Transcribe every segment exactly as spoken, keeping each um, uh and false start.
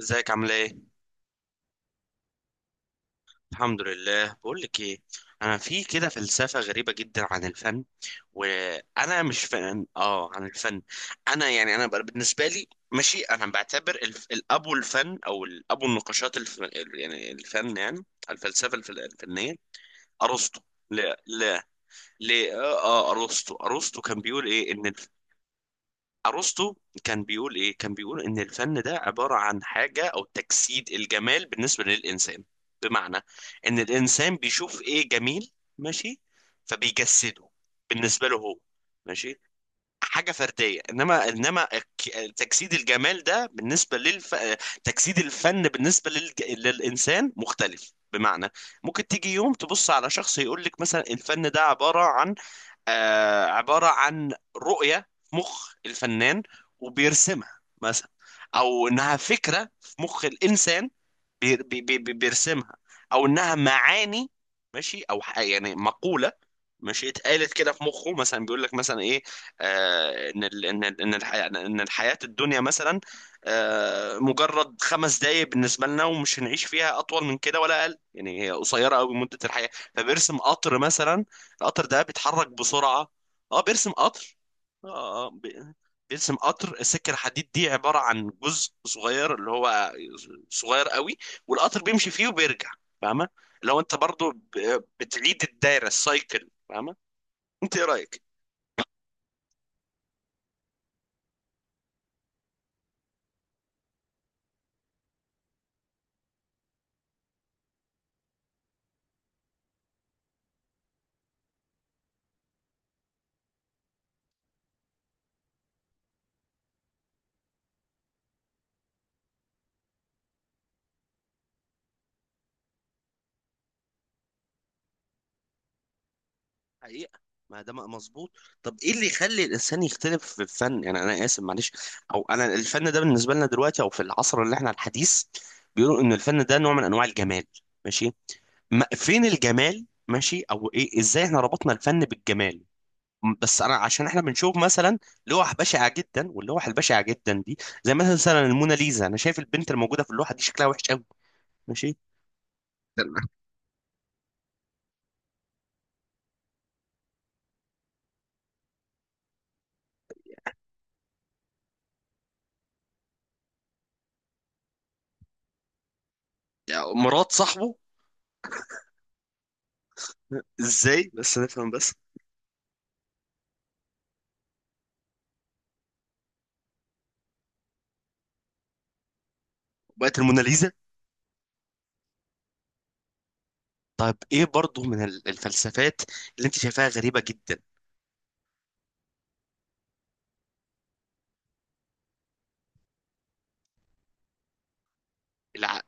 ازيك، عامله ايه؟ الحمد لله. بقول لك ايه، انا في كده فلسفه غريبه جدا عن الفن. وانا مش فن اه عن الفن. انا يعني انا بقى- بالنسبه لي، ماشي، انا بعتبر الف... الابو الفن او الابو النقاشات الف... ال- يعني الفن، يعني الفلسفه الف... الفنيه، ارسطو. لا، لا، ليه؟ اه آه، ارسطو، ارسطو كان بيقول ايه ان... ارسطو كان بيقول ايه، كان بيقول ان الفن ده عبارة عن حاجة، او تجسيد الجمال بالنسبة للانسان. بمعنى ان الانسان بيشوف ايه جميل، ماشي، فبيجسده بالنسبة له هو. ماشي. حاجة فردية. انما انما الك- تجسيد الجمال ده بالنسبة للف... تجسيد الفن بالنسبة لل... للانسان مختلف. بمعنى ممكن تيجي يوم تبص على شخص يقول لك مثلا الفن ده عبارة عن... آه عبارة عن رؤية في مخ الفنان، وبيرسمها مثلا، أو إنها فكرة في مخ الإنسان. بي بي بي بي- بيرسمها. او انها معاني، ماشي، او ح- يعني مقولة، ماشي، اتقالت كده في مخه. مثلا بيقول لك مثلا ايه، آه ان ال ان ال ان الحياة ان الحياة الدنيا مثلا آه مجرد خمس دقايق بالنسبة لنا، ومش هنعيش فيها اطول من كده ولا اقل. يعني هي قصيرة قوي مدة الحياة. فبيرسم قطر مثلا، القطر ده بيتحرك بسرعة. اه، بيرسم قطر. اه آه، بي- بيرسم قطر، السكة الحديد دي عبارة عن جزء صغير، اللي هو صغير قوي، والقطر بيمشي فيه وبيرجع. فاهمه؟ لو انت برضو ب- بتعيد الدايره السايكل، فاهمه؟ انت ايه رايك؟ حقيقة. ما ده م- مظبوط. طب ايه اللي يخلي الانسان يختلف في الفن؟ يعني انا اسف، معلش. او انا الفن ده بالنسبه لنا دلوقتي، او في العصر اللي احنا الحديث، بيقولوا ان الفن ده نوع من انواع الجمال. ماشي. ما فين الجمال؟ ماشي. او ايه؟ ازاي احنا ربطنا الفن بالجمال؟ بس انا عشان احنا بنشوف مثلا لوح بشعه جدا، واللوح البشعه جدا دي زي مثلا الموناليزا. انا شايف البنت الموجوده في اللوحه دي شكلها وحش قوي، ماشي. يعني مرات صاحبه؟ ازاي بس نفهم؟ بس بقت الموناليزا. طيب ايه برضو من ال- الفلسفات اللي انت شايفاها غريبه جدا؟ العقل.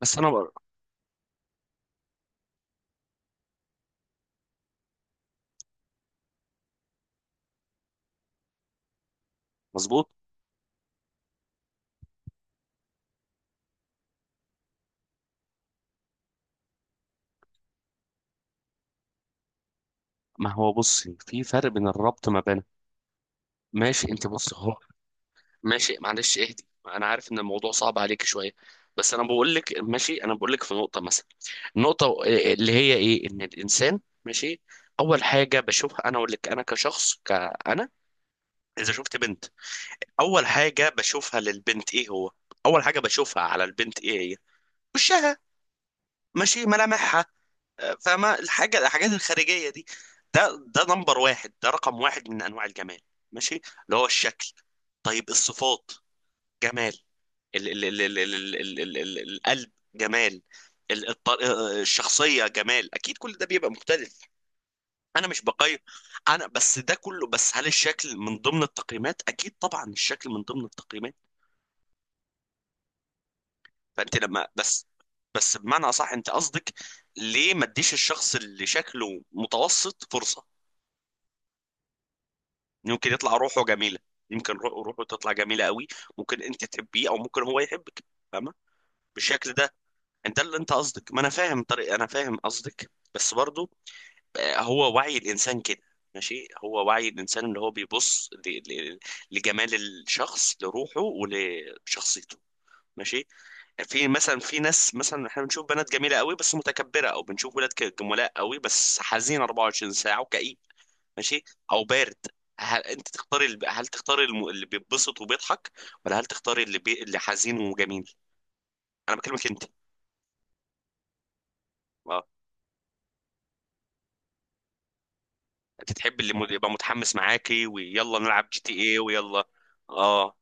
بس انا بقى. مظبوط. ما هو بص، في فرق بين الربط ما بين... ماشي، انت بص، هو ماشي، معلش، اهدي، انا عارف ان الموضوع صعب عليك شويه. بس انا بقول لك، ماشي، انا بقول لك في نقطه مثلا، النقطه اللي هي ايه؟ ان الانسان، ماشي، اول حاجه بشوفها، انا اقول لك، انا كشخص، كأنا اذا شفت بنت، اول حاجه بشوفها للبنت ايه هو؟ اول حاجه بشوفها على البنت ايه هي؟ وشها، ماشي، ملامحها. آه، فاهمه؟ الحاجه الحاجات الخارجيه دي، ده ده نمبر واحد ده رقم واحد من انواع الجمال. ماشي. اللي هو الشكل. طيب الصفات، جمال. ال ال ال ال ال ال ال ال القلب جمال. ال- الط- آه، آه، الشخصية جمال، أكيد كل ده بيبقى مختلف. أنا مش بقيم، أنا بس ده كله. بس هل الشكل من ضمن التقييمات؟ أكيد طبعا الشكل من ضمن التقييمات. فأنت لما، بس بس بمعنى أصح، أنت قصدك ليه ما تديش الشخص اللي شكله متوسط فرصة؟ يمكن يطلع روحه جميلة. يمكن رو- روحه تطلع جميلة قوي. ممكن أنت تحبيه، أو ممكن هو يحبك. فاهمة؟ بالشكل ده، ده اللي انت قصدك. ما انا فاهم طريق، انا فاهم قصدك، بس برضو آه، هو وعي الانسان كده. ماشي. هو وعي الانسان اللي هو بيبص ل- ل- لجمال الشخص، لروحه ولشخصيته. ماشي. في مثلا، في ناس مثلا احنا بنشوف بنات جميله قوي بس متكبره، او بنشوف ولاد ك- جملاء قوي بس حزين أربعة وعشرين ساعه وكئيب، ماشي، او بارد. هل انت تختاري الب- هل تختاري الم- اللي بيتبسط وبيضحك، ولا هل تختاري اللي بي... اللي حزين وجميل؟ انا بكلمك انت. انت تحب اللي مد- يبقى متحمس معاكي ويلا نلعب جي تي ايه ويلا؟ اه.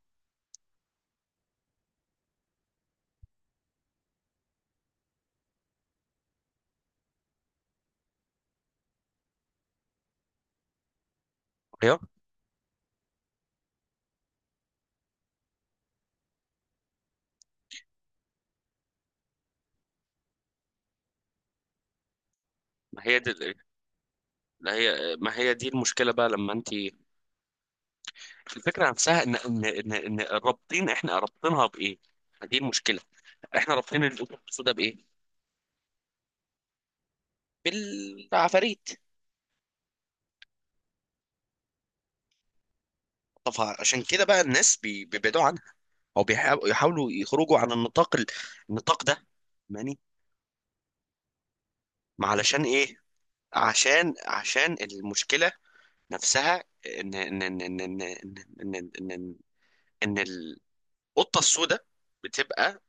هي ما هي دي لا، هي ما هي دي المشكله بقى لما انت... الفكره نفسها ان ان ان, إن رابطين، احنا رابطينها بايه؟ دي المشكله. احنا رابطين القطط السوداء بايه؟ بالعفاريت. طب عشان كده بقى الناس بي- بيبعدوا عنها، او بيحاولوا يحاولوا يخرجوا عن النطاق ال- النطاق ده. ماني. ما علشان ايه؟ عشان عشان المشكله نفسها ان ان ان ان ان ان ان ان, إن, إن القطه السوداء بتبقى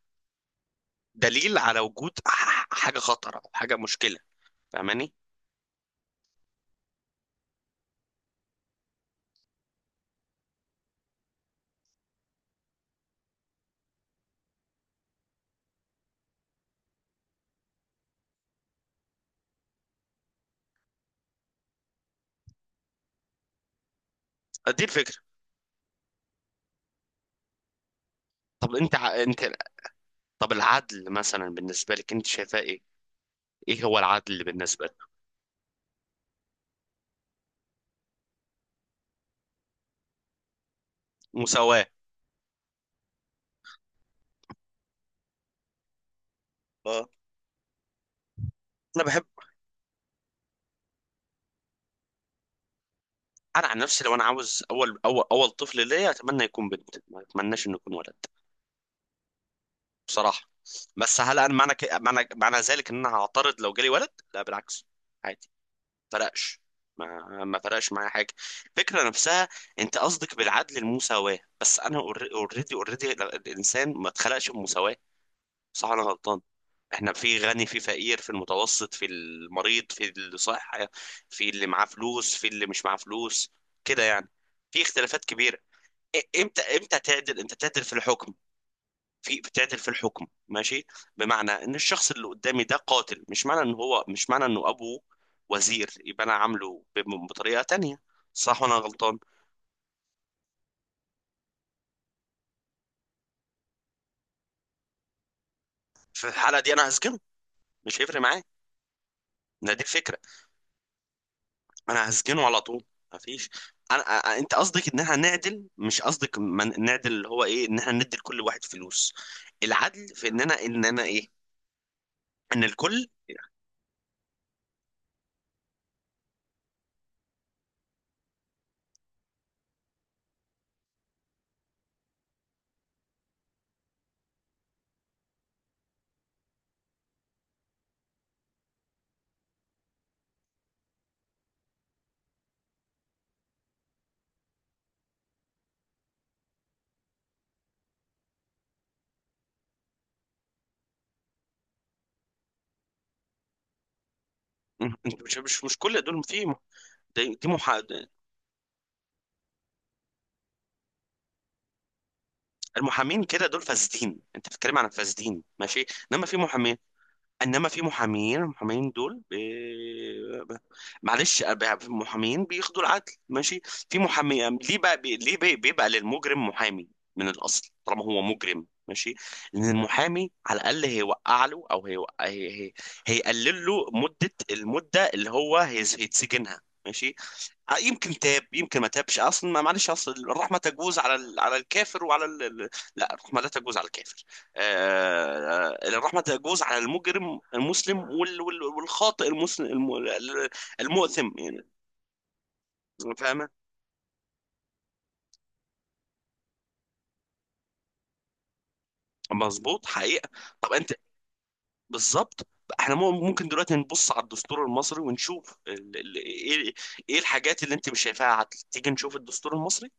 دليل على وجود ح- حاجه خطره، او حاجه مشكله. فاهماني؟ دي الفكره. طب انت ع- انت، طب العدل مثلا بالنسبه لك، انت شايفاه ايه؟ ايه هو العدل بالنسبه لك؟ مساواه. اه، انا بحب. انا عن نفسي لو انا عاوز اول اول اول طفل ليا، اتمنى يكون بنت، ما اتمناش انه يكون ولد، بصراحه. بس هل انا معنى ك... معنى معنى ذلك ان انا هعترض لو جالي ولد؟ لا بالعكس، فرقش. ما ما فرقش معايا حاجه. الفكره نفسها. انت قصدك بالعدل المساواه. بس انا اوريدي اوريدي الانسان ما اتخلقش بمساواه، صح ولا انا غلطان؟ احنا في غني، في فقير، في المتوسط، في المريض، في اللي صح، في اللي معاه فلوس، في اللي مش معاه فلوس، كده يعني، في اختلافات كبيره. إ- امتى امتى تعدل انت تعدل في الحكم، في بتعدل في الحكم، ماشي. بمعنى ان الشخص اللي قدامي ده قاتل، مش معنى ان هو مش معنى انه ابوه وزير يبقى انا عامله بم- بطريقه تانية، صح وانا غلطان. في الحاله دي انا هسجنه. مش هيفرق معايا. ما دي الفكره. انا هسجنه على طول. ما فيش. انا أ- انت قصدك ان احنا نعدل، مش قصدك من- نعدل اللي هو ايه، ان احنا ندي لكل واحد فلوس. العدل في ان انا، ان انا ايه، ان الكل. انت مش مش مش كل دول في دي دي محا... المحامين كده دول فاسدين، انت بتتكلم عن فاسدين، ماشي. انما في محامين انما في محامين المحامين دول بي... معلش أب- محامين بياخدوا العدل، ماشي. في محامي ليه بقى بي... ليه بي... بيبقى للمجرم محامي من الاصل طالما هو مجرم، ماشي، لان المحامي على الاقل هيوقع له، او هيوقع... هي... هي... هيقلل له مده المده اللي هو هيز... هيتسجنها، ماشي. آه، يمكن تاب يمكن ما تابش اصلا. ما معلش اصل الرحمه تجوز على ال... على الكافر، وعلى ال... ال- لا، الرحمه لا تجوز على الكافر. آه، آه، الرحمة تجوز على المجرم المسلم وال- وال- والخاطئ المسلم الم- المؤثم يعني. فاهمة؟ مظبوط حقيقة. طب انت، بالظبط، احنا مو- ممكن دلوقتي نبص على الدستور المصري، ونشوف ال- ال- ايه، إيه الحاجات اللي انت مش شايفاها عدل؟ تيجي نشوف الدستور المصري.